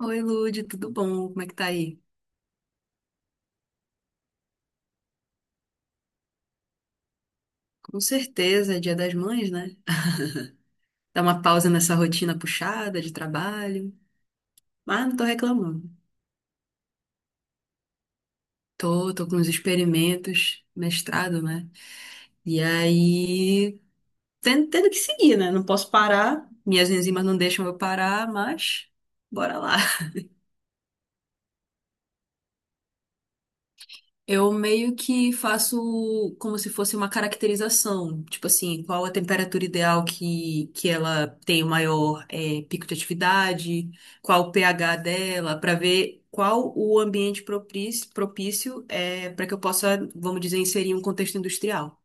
Oi, Lude, tudo bom? Como é que tá aí? Com certeza, é Dia das Mães, né? Dá uma pausa nessa rotina puxada de trabalho, mas não tô reclamando. Tô com uns experimentos, mestrado, né? E aí, tendo que seguir, né? Não posso parar, minhas enzimas não deixam eu parar, mas bora lá. Eu meio que faço como se fosse uma caracterização, tipo assim, qual a temperatura ideal que ela tem o maior pico de atividade, qual o pH dela, para ver qual o ambiente propício, propício é para que eu possa, vamos dizer, inserir um contexto industrial.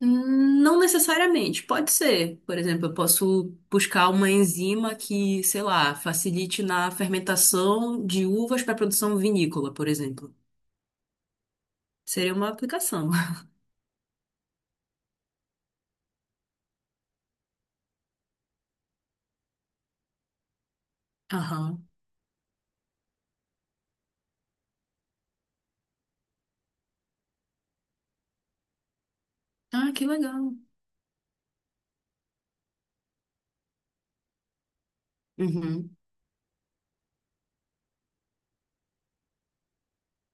Não necessariamente, pode ser. Por exemplo, eu posso buscar uma enzima que, sei lá, facilite na fermentação de uvas para produção vinícola, por exemplo. Seria uma aplicação. Aham. Ah, que legal. Uhum,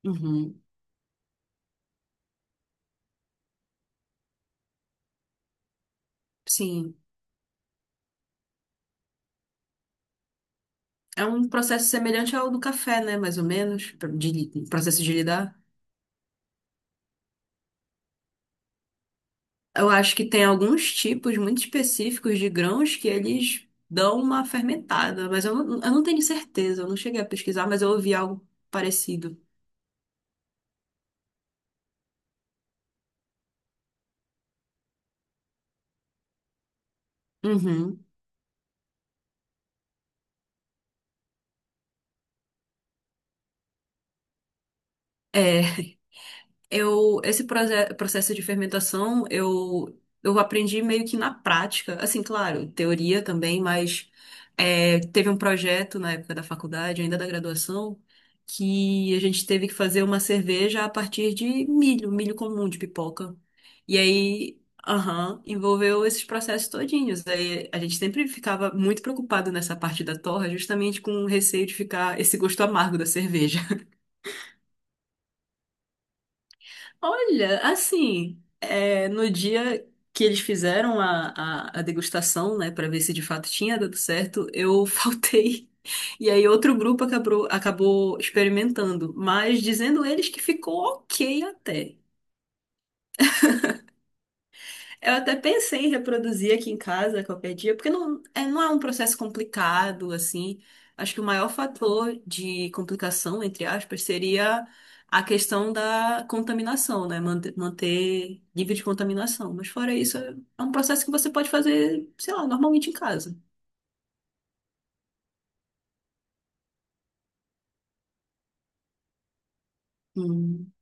uhum. Sim. É um processo semelhante ao do café, né? Mais ou menos, processo de lidar. Eu acho que tem alguns tipos muito específicos de grãos que eles dão uma fermentada, mas eu não tenho certeza, eu não cheguei a pesquisar, mas eu ouvi algo parecido. Uhum. É, eu, esse processo de fermentação, eu aprendi meio que na prática. Assim, claro, teoria também, mas é, teve um projeto na época da faculdade, ainda da graduação, que a gente teve que fazer uma cerveja a partir de milho, milho comum de pipoca. E aí, aham, envolveu esses processos todinhos. Aí a gente sempre ficava muito preocupado nessa parte da torra, justamente com o receio de ficar esse gosto amargo da cerveja. Olha, assim, é, no dia que eles fizeram a degustação, né, para ver se de fato tinha dado certo, eu faltei. E aí outro grupo acabou experimentando, mas dizendo eles que ficou ok até. Eu até pensei em reproduzir aqui em casa qualquer dia, porque não é um processo complicado, assim. Acho que o maior fator de complicação, entre aspas, seria a questão da contaminação, né? Manter nível de contaminação. Mas fora isso, é um processo que você pode fazer, sei lá, normalmente em casa. Hum.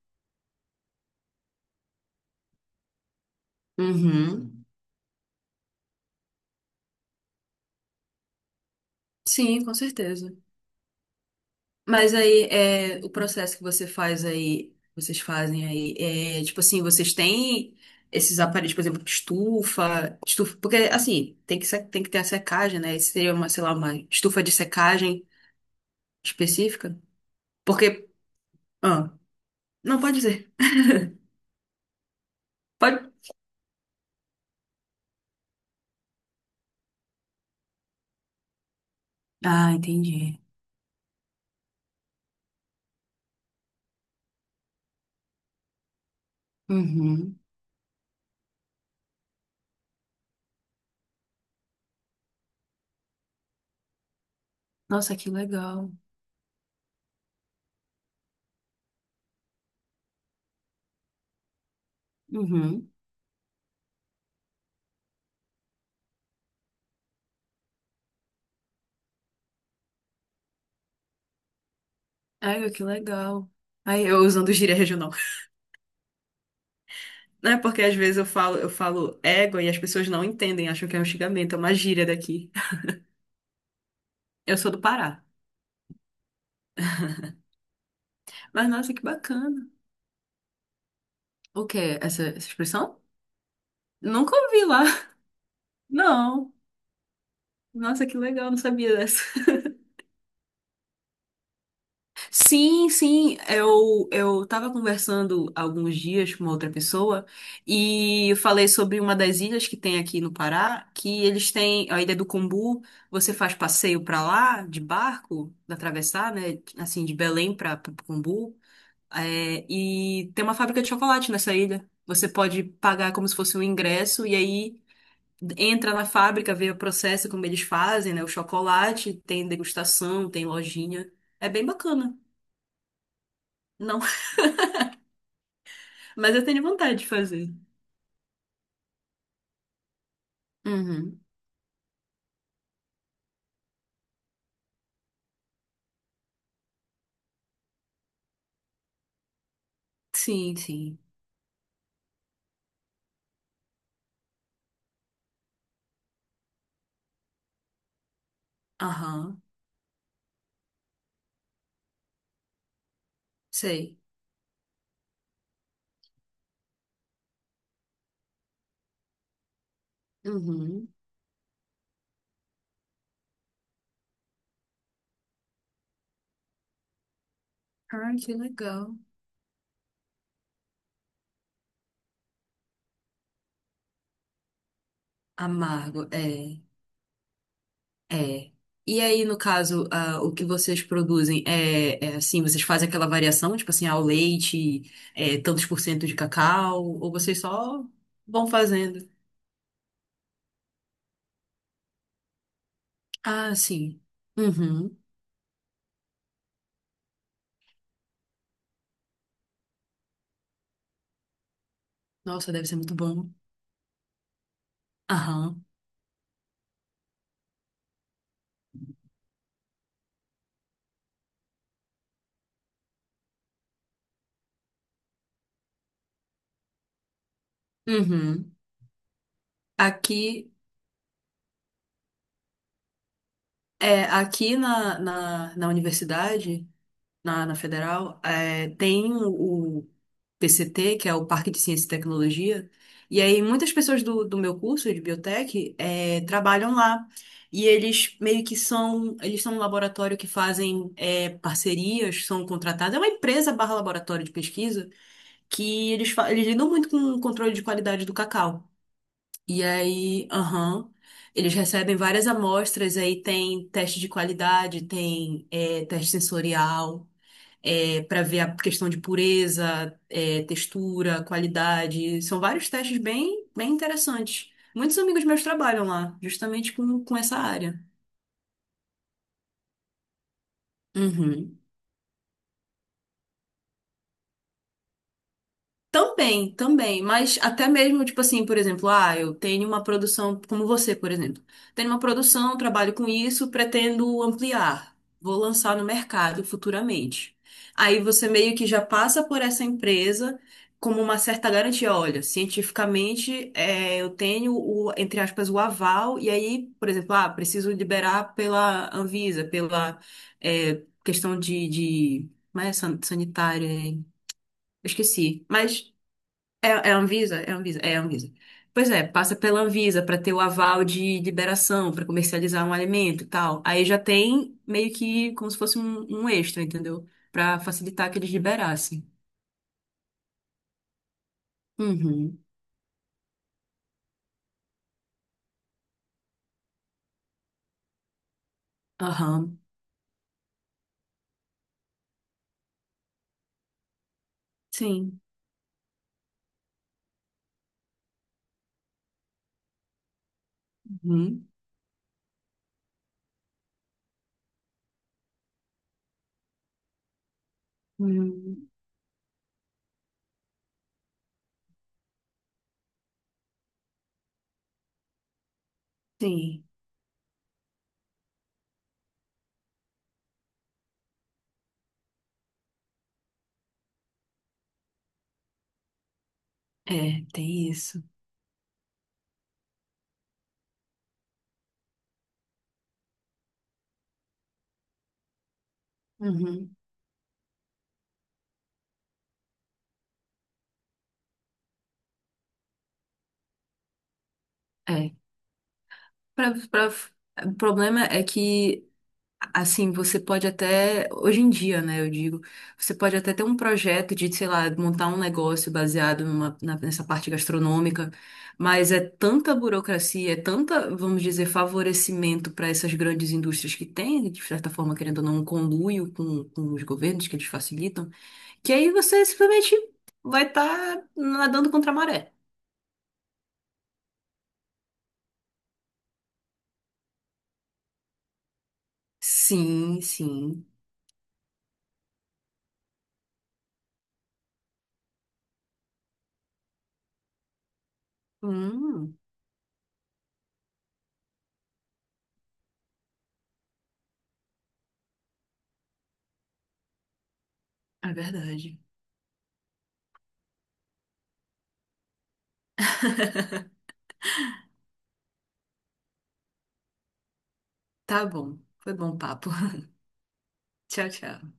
Uhum. Sim, com certeza. Mas aí, é, o processo que você faz aí, vocês fazem aí, é, tipo assim, vocês têm esses aparelhos, por exemplo, estufa, porque assim, tem que, se- tem que ter a secagem, né? Isso seria uma, sei lá, uma estufa de secagem específica. Porque, ah, não pode dizer. Pode. Ah, entendi. Uhum. Nossa, que legal. Uhum. Ai, que legal. Aí eu usando gíria regional. Não é porque às vezes eu falo égua e as pessoas não entendem, acham que é um xingamento, é uma gíria daqui. Eu sou do Pará. Mas nossa, que bacana. O quê? Essa expressão? Nunca ouvi lá. Não. Nossa, que legal, não sabia dessa. Sim, sim, eu tava conversando alguns dias com uma outra pessoa e eu falei sobre uma das ilhas que tem aqui no Pará, que eles têm a Ilha do Cumbu, você faz passeio pra lá de barco, atravessar, né, assim de Belém para Cumbu. É, e tem uma fábrica de chocolate nessa ilha. Você pode pagar como se fosse um ingresso e aí entra na fábrica, vê o processo, como eles fazem, né? O chocolate, tem degustação, tem lojinha. É bem bacana. Não, mas eu tenho vontade de fazer. Uhum. Sim, sim. Aham. Sei. Uhum. Ah, que legal. Amargo, é. É. E aí, no caso, ah, o que vocês produzem é assim, vocês fazem aquela variação, tipo assim, ao leite, é, tantos por cento de cacau, ou vocês só vão fazendo? Ah, sim. Uhum. Nossa, deve ser muito bom. Aham. Uhum. Aqui, é, aqui na universidade, na federal, é, tem o PCT, que é o Parque de Ciência e Tecnologia, e aí muitas pessoas do meu curso de biotech é, trabalham lá. E eles meio que são, eles são um laboratório que fazem é, parcerias, são contratados, é uma empresa barra laboratório de pesquisa, que eles, eles lidam muito com o controle de qualidade do cacau. E aí, aham. Eles recebem várias amostras, aí tem teste de qualidade, tem é, teste sensorial para ver a questão de pureza, é, textura, qualidade. São vários testes bem, bem interessantes. Muitos amigos meus trabalham lá, justamente com essa área. Uhum. Também, também, mas até mesmo, tipo assim, por exemplo, ah, eu tenho uma produção, como você, por exemplo, tenho uma produção, trabalho com isso, pretendo ampliar, vou lançar no mercado futuramente. Aí você meio que já passa por essa empresa como uma certa garantia, olha, cientificamente é, eu tenho o, entre aspas, o aval, e aí, por exemplo, ah, preciso liberar pela Anvisa, pela é, questão de, não é sanitária, é, eu esqueci, mas é, é a Anvisa? É a Anvisa? É a Anvisa. Pois é, passa pela Anvisa para ter o aval de liberação, para comercializar um alimento e tal. Aí já tem meio que como se fosse um extra, entendeu? Para facilitar que eles liberassem. Uhum. Aham. Sim. Uhum. Uhum. Sim. É, tem isso. Uhum. É. Pra, pra, o problema é que assim, você pode até, hoje em dia, né, eu digo, você pode até ter um projeto de, sei lá, montar um negócio baseado nessa parte gastronômica, mas é tanta burocracia, é tanta, vamos dizer, favorecimento para essas grandes indústrias que têm, de certa forma, querendo ou não, um conluio com os governos que eles facilitam, que aí você simplesmente vai estar nadando contra a maré. Sim, sim. Hum, é verdade. Tá bom. Foi bom papo. Tchau, tchau.